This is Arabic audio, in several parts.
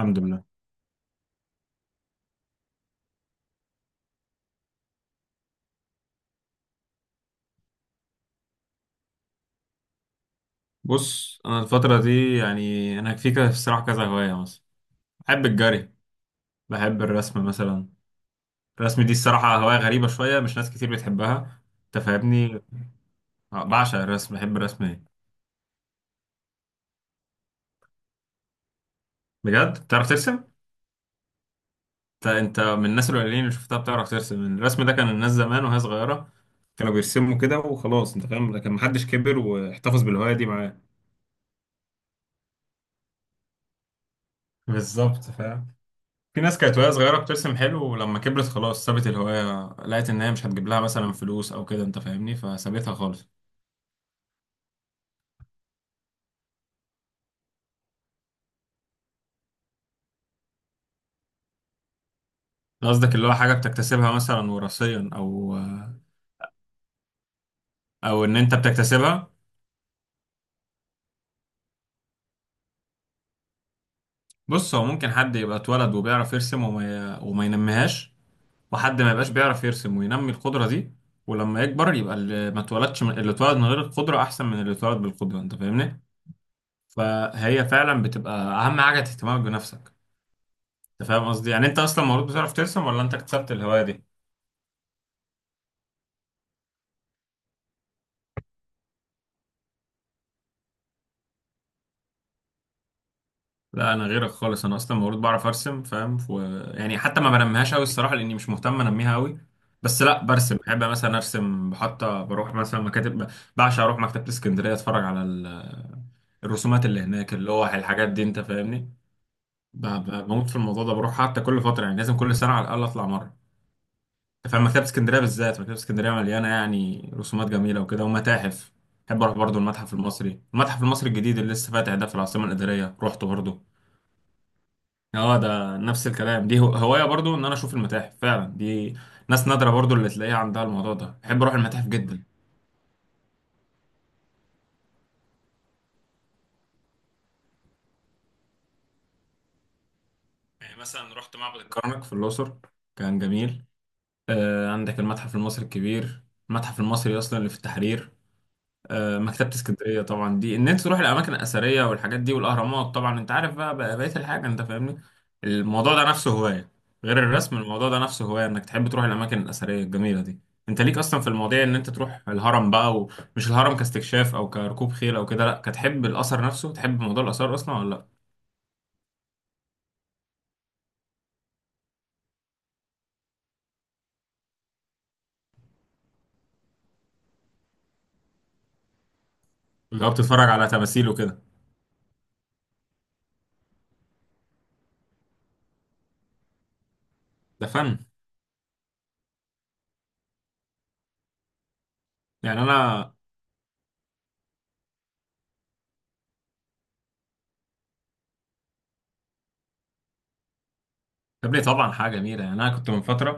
الحمد لله. بص انا الفتره دي، يعني انا في كده الصراحه كذا هوايه مثلا. بحب الجري، بحب الرسم مثلا. الرسم دي الصراحه هوايه غريبه شويه، مش ناس كتير بتحبها، انت فاهمني؟ آه، بعشق الرسم، بحب الرسم ايه. بجد بتعرف ترسم؟ انت من الناس القليلين اللي شفتها بتعرف ترسم. الرسم ده كان الناس زمان وهي صغيره كانوا بيرسموا كده وخلاص، انت فاهم، لكن محدش كبر واحتفظ بالهوايه دي معاه. بالظبط، فاهم. في ناس كانت وهي صغيرة بترسم حلو، ولما كبرت خلاص سابت الهواية، لقيت إن هي مش هتجيب لها مثلا فلوس أو كده، أنت فاهمني، فسابتها خالص. قصدك اللي هو حاجة بتكتسبها مثلا وراثيا أو إن أنت بتكتسبها. بص، هو ممكن حد يبقى اتولد وبيعرف يرسم، وما ينميهاش، وحد ما يبقاش بيعرف يرسم وينمي القدرة دي، ولما يكبر يبقى اللي اتولد من غير القدرة أحسن من اللي اتولد بالقدرة، أنت فاهمني. فهي فعلا بتبقى أهم حاجة اهتمامك بنفسك. أنت فاهم قصدي؟ يعني أنت أصلا مولود بتعرف ترسم ولا أنت اكتسبت الهواية دي؟ لا، انا غيرك خالص، انا اصلا المفروض بعرف ارسم، فاهم؟ يعني حتى ما بنميهاش قوي الصراحه، لاني مش مهتم انميها قوي. بس لا، برسم، بحب مثلا ارسم، بحط بروح مثلا مكاتب. بعشق اروح مكتبه اسكندريه، اتفرج على الرسومات اللي هناك، اللوح، الحاجات دي، انت فاهمني. بموت في الموضوع ده، بروح حتى كل فتره، يعني لازم كل سنه على الاقل اطلع مره. فاهم، مكتبه اسكندريه بالذات، مكتبه اسكندريه مليانه يعني رسومات جميله وكده، ومتاحف. بحب اروح برضو المتحف المصري، المتحف المصري الجديد اللي لسه فاتح ده في العاصمه الاداريه، روحته برضو. اه، ده نفس الكلام، دي هواية برضو ان انا اشوف المتاحف فعلا. دي ناس نادرة برضو اللي تلاقيها عندها الموضوع ده، بحب اروح المتاحف جدا. يعني مثلا رحت معبد الكرنك في الاقصر، كان جميل. عندك المتحف المصري الكبير، المتحف المصري اصلا اللي في التحرير، مكتبة اسكندرية طبعا. دي ان انت تروح الاماكن الاثرية والحاجات دي والاهرامات، طبعا انت عارف بقى بقية الحاجة، انت فاهمني. الموضوع ده نفسه هواية، غير الرسم الموضوع ده نفسه هواية انك تحب تروح الاماكن الاثرية الجميلة دي. انت ليك اصلا في المواضيع ان انت تروح الهرم بقى، ومش الهرم كاستكشاف او كركوب خيل او كده، لا، كتحب الاثر نفسه، تحب موضوع الاثار اصلا ولا لا؟ اللي هو بتتفرج على تماثيل وكده. ده فن. يعني انا، يا ابني طبعا حاجة جميلة. يعني انا كنت من فترة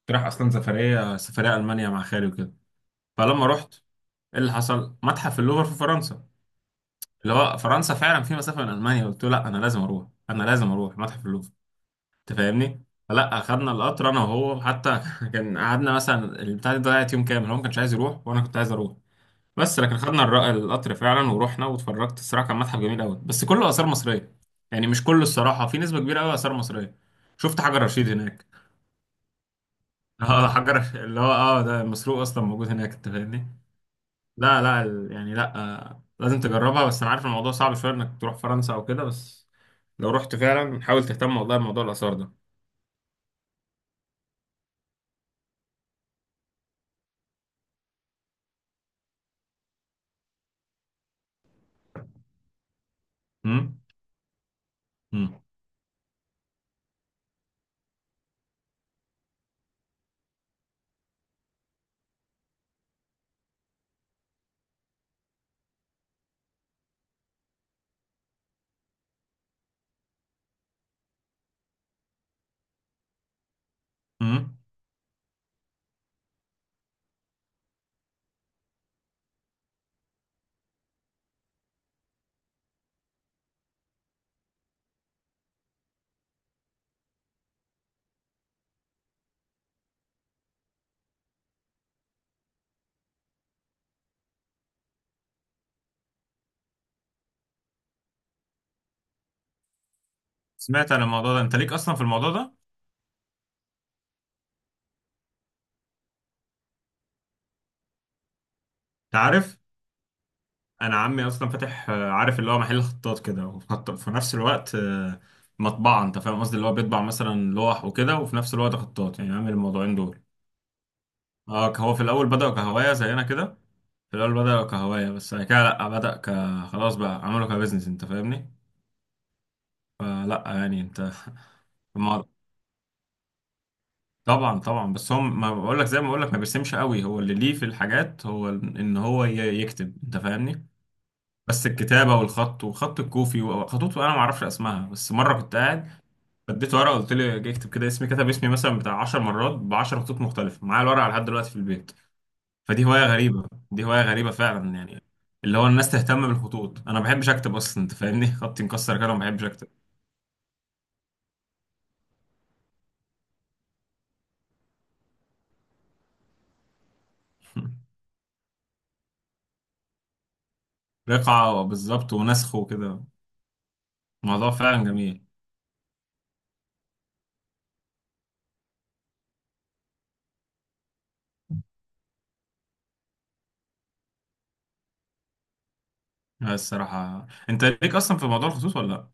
كنت رايح اصلا سفرية، سفرية المانيا مع خالي وكده، فلما رحت، ايه اللي حصل، متحف اللوفر في فرنسا، اللي هو فرنسا فعلا في مسافه من المانيا، قلت له لا، انا لازم اروح متحف اللوفر، انت فاهمني. فلا، اخدنا القطر انا وهو حتى كان قعدنا مثلا البتاع دي، ضيعت يوم كامل، هو ما كانش عايز يروح وانا كنت عايز اروح. بس لكن خدنا القطر فعلا ورحنا، واتفرجت. الصراحه كان متحف جميل قوي، بس كله اثار مصريه. يعني مش كله الصراحه، في نسبه كبيره قوي اثار مصريه. شفت حجر رشيد هناك. اه، حجر اللي هو، اه ده مسروق اصلا موجود هناك، انت فاهمني. لا لا، يعني لا، لازم تجربها. بس انا عارف الموضوع صعب شويه انك تروح فرنسا او كده، بس لو رحت فعلا حاول تهتم والله بموضوع الاثار ده. امم. امم. امم. سمعت عن الموضوع ده، انت ليك اصلا في الموضوع ده؟ انت عارف، انا عمي اصلا فاتح، عارف، اللي هو محل خطاط كده، وفي في نفس الوقت مطبعه، انت فاهم قصدي، اللي هو بيطبع مثلا لوح وكده، وفي نفس الوقت خطاط، يعني عامل الموضوعين دول. اه، هو في الاول بدأ كهوايه زينا كده، في الاول بدأ كهوايه، بس بعد كده لا، بدأ خلاص بقى عمله كبزنس، انت فاهمني. فلا يعني انت، ما طبعا طبعا. بس هم ما بقول لك، زي ما بقول لك، ما بيرسمش قوي، هو اللي ليه في الحاجات، هو ان هو يكتب، انت فاهمني. بس الكتابه والخط وخط الكوفي وخطوط انا ما اعرفش اسمها. بس مره كنت قاعد، فديت ورقه، قلت له اجي اكتب كده اسمي، كتب اسمي مثلا بتاع 10 مرات ب 10 خطوط مختلفه، معايا الورقه لحد دلوقتي في البيت. فدي هوايه غريبه، دي هوايه غريبه فعلا يعني، اللي هو الناس تهتم بالخطوط. انا ما بحبش اكتب اصلا، انت فاهمني، خطي مكسر كده، ما بحبش اكتب. رقعه بالظبط، ونسخ وكده. موضوع فعلا جميل. لا، الصراحة انت ليك اصلا في موضوع الخطوط ولا لا؟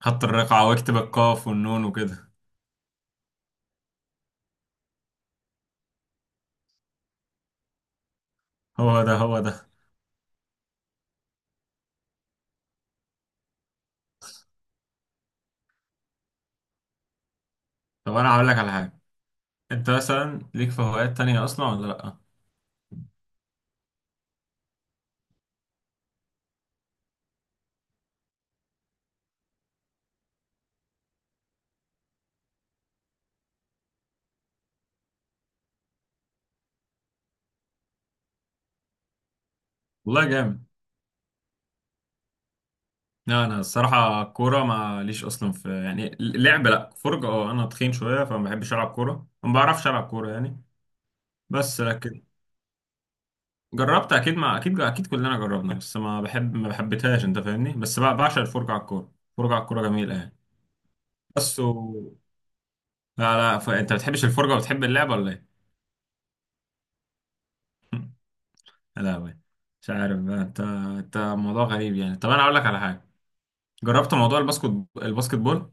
خط الرقعة، واكتب القاف والنون وكده. هو ده هو ده. طب انا هقول لك على حاجة، انت مثلا ليك في هوايات تانية اصلا ولا لا؟ والله جامد. لا، انا الصراحة كورة ما ليش اصلا في يعني لعب، لا، فرجة اه، انا تخين شوية، فما بحبش العب كورة، ما بعرفش العب كورة يعني. بس لكن جربت اكيد، ما اكيد اكيد كلنا جربنا، بس ما بحبتهاش، انت فاهمني. بس بعشق الفرجة على الكورة، الفرجة على الكورة جميلة يعني. بس و... لا لا، انت بتحبش الفرجة وبتحب اللعبة ولا ايه؟ لا بي. مش عارف بقى انت موضوع غريب يعني. طب انا اقول لك على حاجة، جربت موضوع الباسكت، الباسكت بول؟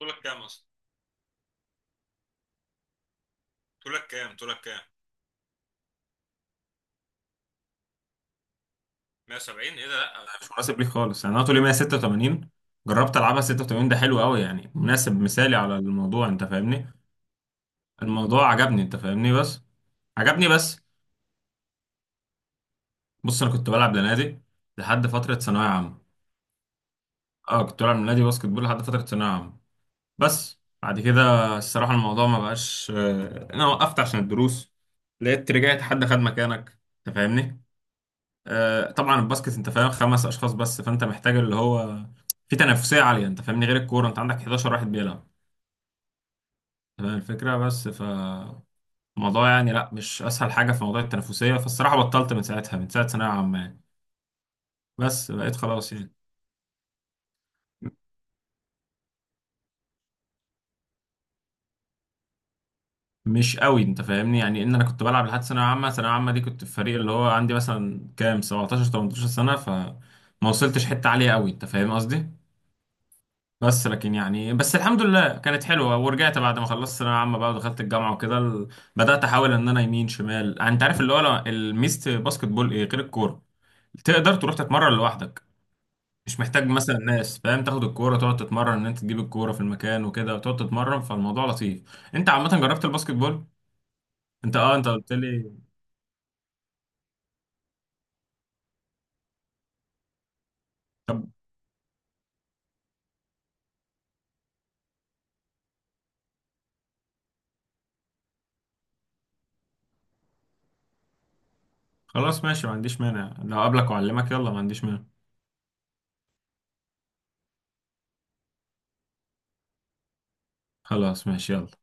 طولك كام اصلا؟ طولك كام طولك كام 170 ايه ده؟ لا مش مناسب ليك خالص يعني، انا طولي 186، جربت العبها، 86 ده حلو قوي يعني، مناسب مثالي على الموضوع، انت فاهمني. الموضوع عجبني انت فاهمني، بس عجبني بس. بص، انا كنت بلعب لنادي لحد فترة ثانوية عامة. اه كنت بلعب لنادي باسكت بول لحد فترة ثانوية عامة. بس بعد كده الصراحة الموضوع ما بقاش، أنا وقفت عشان الدروس، لقيت رجعت حد خد مكانك، أنت فاهمني؟ طبعا الباسكت أنت فاهم خمس أشخاص بس، فأنت محتاج اللي هو في تنافسية عالية، أنت فاهمني، غير الكورة، أنت عندك 11 واحد بيلعب، أنت فاهم الفكرة، بس فالموضوع يعني لأ، مش أسهل حاجة في موضوع التنافسية، فالصراحة بطلت من ساعتها، من ساعة ثانوية عامة يعني. بس بقيت خلاص يعني، مش قوي انت فاهمني، يعني ان انا كنت بلعب لحد ثانويه عامه، ثانويه عامه دي كنت في فريق اللي هو عندي مثلا كام 17 18 سنه، فما وصلتش حته عاليه قوي، انت فاهم قصدي. بس لكن يعني، بس الحمد لله كانت حلوه، ورجعت بعد ما خلصت ثانويه عامه بقى ودخلت الجامعه وكده، بدات احاول ان انا يمين شمال. يعني انت عارف، اللي هو الميزه باسكت بول ايه غير الكوره؟ تقدر تروح تتمرن لوحدك، مش محتاج مثلا ناس، فاهم، تاخد الكوره تقعد تتمرن، ان انت تجيب الكوره في المكان وكده وتقعد تتمرن، فالموضوع لطيف. انت عامه جربت الباسكت بول؟ انت قلت لي. خلاص ماشي، ما عنديش مانع، لو قبلك وأعلمك يلا، ما عنديش مانع. خلاص ماشي، يلا.